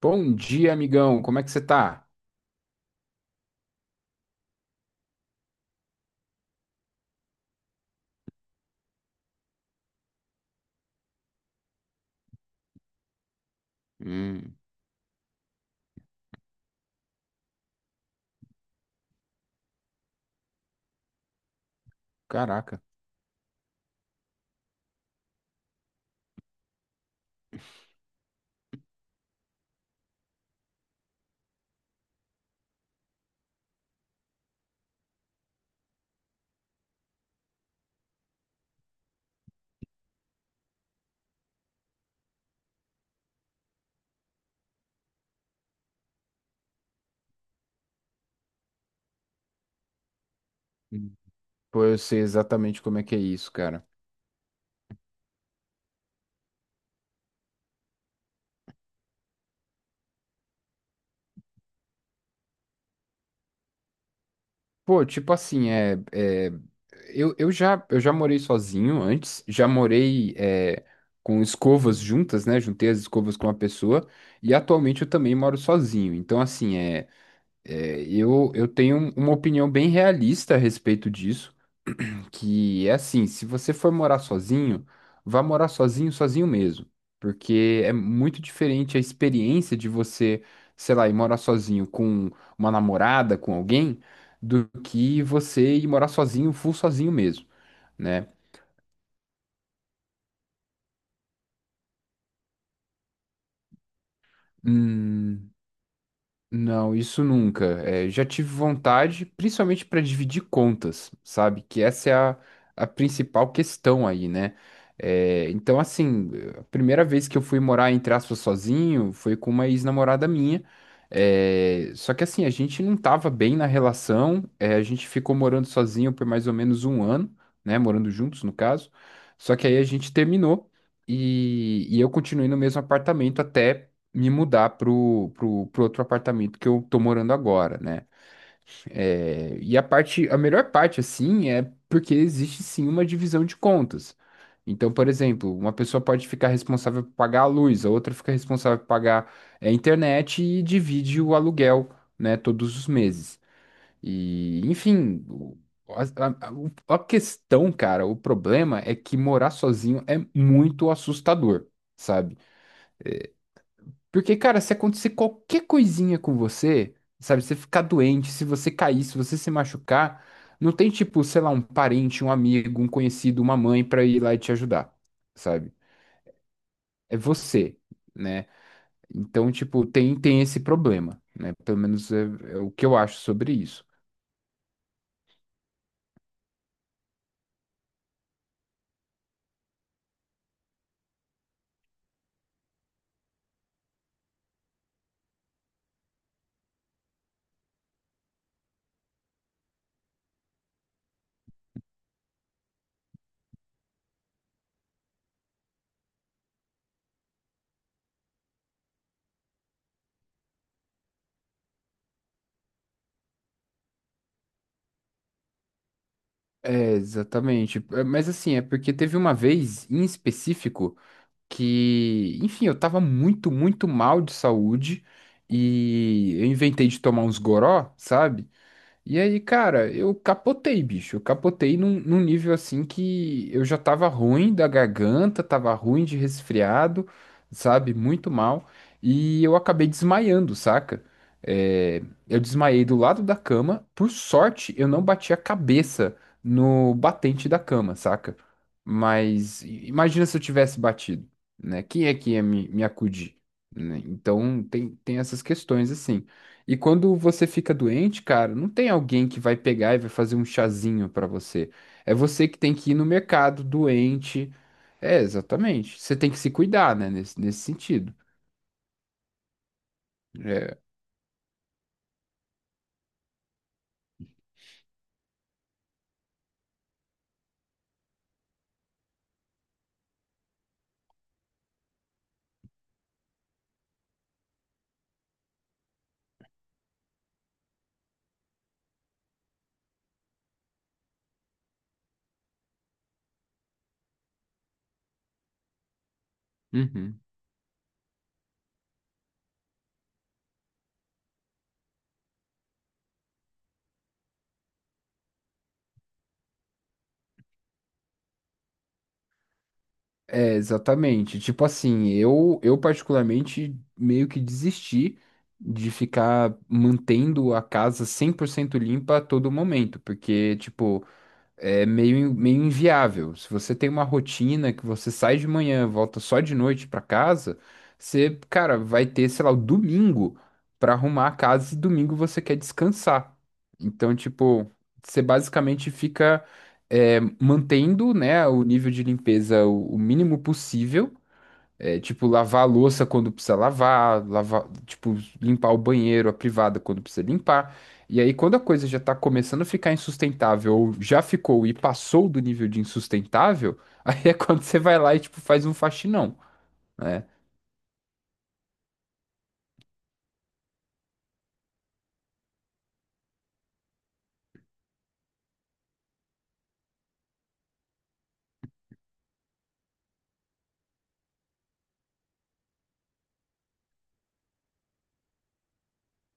Bom dia, amigão. Como é que você tá? Hum. Caraca. Hum. Pô, eu sei exatamente como é que é isso, cara. Pô, tipo assim, eu já, eu já morei sozinho antes, já morei com escovas juntas, né? Juntei as escovas com uma pessoa e atualmente eu também moro sozinho. Então, assim, eu tenho uma opinião bem realista a respeito disso, que é assim: se você for morar sozinho, vá morar sozinho, sozinho mesmo, porque é muito diferente a experiência de você, sei lá, ir morar sozinho com uma namorada, com alguém, do que você ir morar sozinho, full sozinho mesmo, né? Hum. Não, isso nunca. É, já tive vontade, principalmente para dividir contas, sabe? Que essa é a principal questão aí, né? É, então, assim, a primeira vez que eu fui morar, entre aspas, sozinho foi com uma ex-namorada minha. É, só que, assim, a gente não tava bem na relação, é, a gente ficou morando sozinho por mais ou menos um ano, né? Morando juntos, no caso. Só que aí a gente terminou e eu continuei no mesmo apartamento até me mudar pro outro apartamento que eu tô morando agora, né? É, e a parte, a melhor parte, assim, é porque existe sim uma divisão de contas. Então, por exemplo, uma pessoa pode ficar responsável por pagar a luz, a outra fica responsável por pagar a internet e divide o aluguel, né, todos os meses. E, enfim, a questão, cara, o problema é que morar sozinho é muito assustador, sabe? Porque, cara, se acontecer qualquer coisinha com você, sabe, você ficar doente, se você cair, se você se machucar, não tem tipo, sei lá, um parente, um amigo, um conhecido, uma mãe pra ir lá e te ajudar, sabe? É você, né? Então, tipo, tem esse problema, né? Pelo menos é o que eu acho sobre isso. É, exatamente. É, mas assim, é porque teve uma vez em específico, que, enfim, eu tava muito, muito mal de saúde e eu inventei de tomar uns goró, sabe? E aí, cara, eu capotei, bicho. Eu capotei num nível assim que eu já tava ruim da garganta, tava ruim de resfriado, sabe? Muito mal. E eu acabei desmaiando, saca? É, eu desmaiei do lado da cama. Por sorte, eu não bati a cabeça no batente da cama, saca? Mas imagina se eu tivesse batido, né? Quem é que ia me acudir, né? Então tem, tem essas questões assim. E quando você fica doente, cara, não tem alguém que vai pegar e vai fazer um chazinho pra você. É você que tem que ir no mercado doente. É, exatamente. Você tem que se cuidar, né, nesse sentido. É. Uhum. É, exatamente. Tipo assim, eu particularmente meio que desisti de ficar mantendo a casa 100% limpa a todo momento, porque, tipo, é meio inviável. Se você tem uma rotina que você sai de manhã, volta só de noite pra casa, você, cara, vai ter, sei lá, o domingo pra arrumar a casa e domingo você quer descansar. Então, tipo, você basicamente fica mantendo, né, o nível de limpeza o mínimo possível. É, tipo, lavar a louça quando precisa lavar, lavar, tipo, limpar o banheiro, a privada quando precisa limpar. E aí, quando a coisa já tá começando a ficar insustentável, ou já ficou e passou do nível de insustentável, aí é quando você vai lá e, tipo, faz um faxinão, né?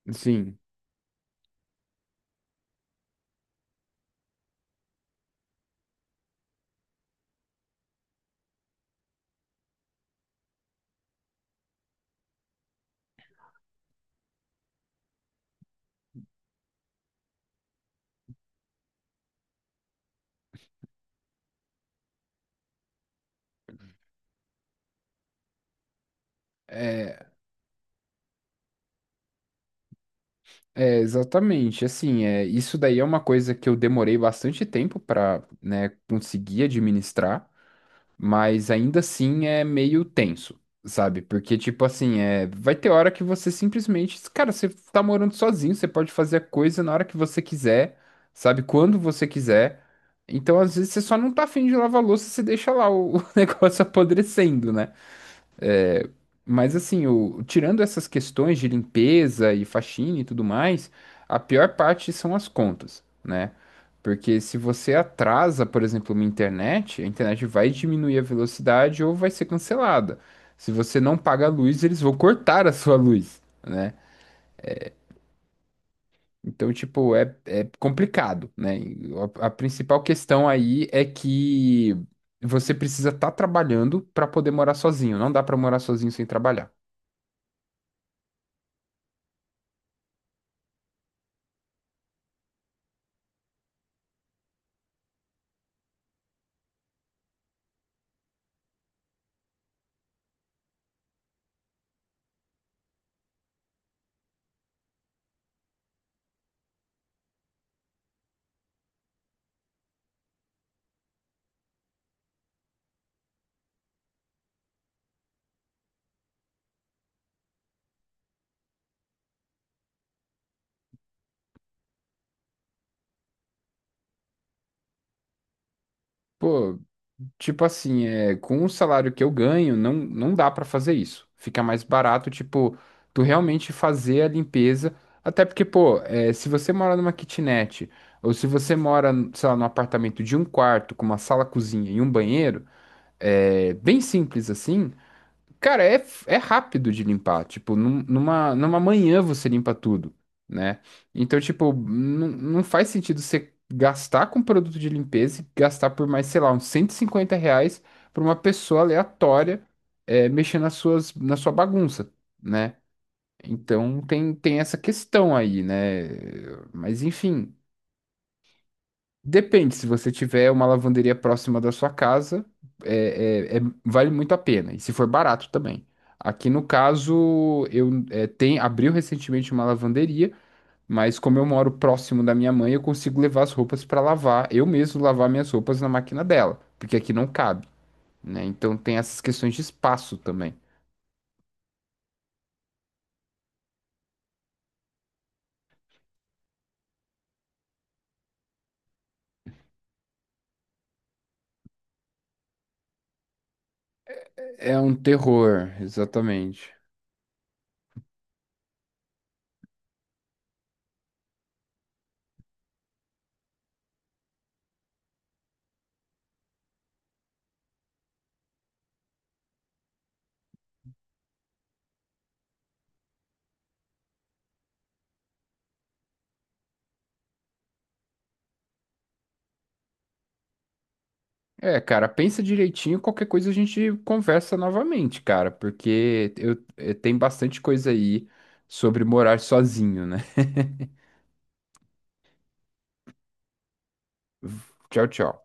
Assim, é, é exatamente, assim, é, isso daí é uma coisa que eu demorei bastante tempo pra, né, conseguir administrar. Mas ainda assim é meio tenso, sabe? Porque, tipo assim, é, vai ter hora que você simplesmente, cara, você tá morando sozinho, você pode fazer a coisa na hora que você quiser, sabe? Quando você quiser. Então, às vezes, você só não tá afim de lavar a louça, você deixa lá o o negócio apodrecendo, né? Mas assim, tirando essas questões de limpeza e faxina e tudo mais, a pior parte são as contas, né? Porque se você atrasa, por exemplo, uma internet, a internet vai diminuir a velocidade ou vai ser cancelada. Se você não paga a luz, eles vão cortar a sua luz, né? Então, tipo, é complicado, né? A principal questão aí é que você precisa estar trabalhando para poder morar sozinho. Não dá para morar sozinho sem trabalhar. Pô, tipo assim, é, com o salário que eu ganho, não dá pra fazer isso. Fica mais barato, tipo, tu realmente fazer a limpeza. Até porque, pô, é, se você mora numa kitnet, ou se você mora, sei lá, num apartamento de um quarto, com uma sala, cozinha e um banheiro, é bem simples assim. Cara, é, é rápido de limpar. Tipo, numa manhã você limpa tudo, né? Então, tipo, não faz sentido você gastar com produto de limpeza e gastar por mais, sei lá, uns R$ 150 pra uma pessoa aleatória, é, mexer na sua bagunça, né? Então, tem, tem essa questão aí, né? Mas, enfim, depende. Se você tiver uma lavanderia próxima da sua casa, é, é- é- vale muito a pena. E se for barato também. Aqui no caso, eu é, tem, abriu recentemente uma lavanderia, mas como eu moro próximo da minha mãe, eu consigo levar as roupas para lavar, eu mesmo lavar minhas roupas na máquina dela, porque aqui não cabe, né? Então tem essas questões de espaço também. É um terror, exatamente. É, cara, pensa direitinho, qualquer coisa a gente conversa novamente, cara, porque eu, eh, tem bastante coisa aí sobre morar sozinho, né? Tchau, tchau.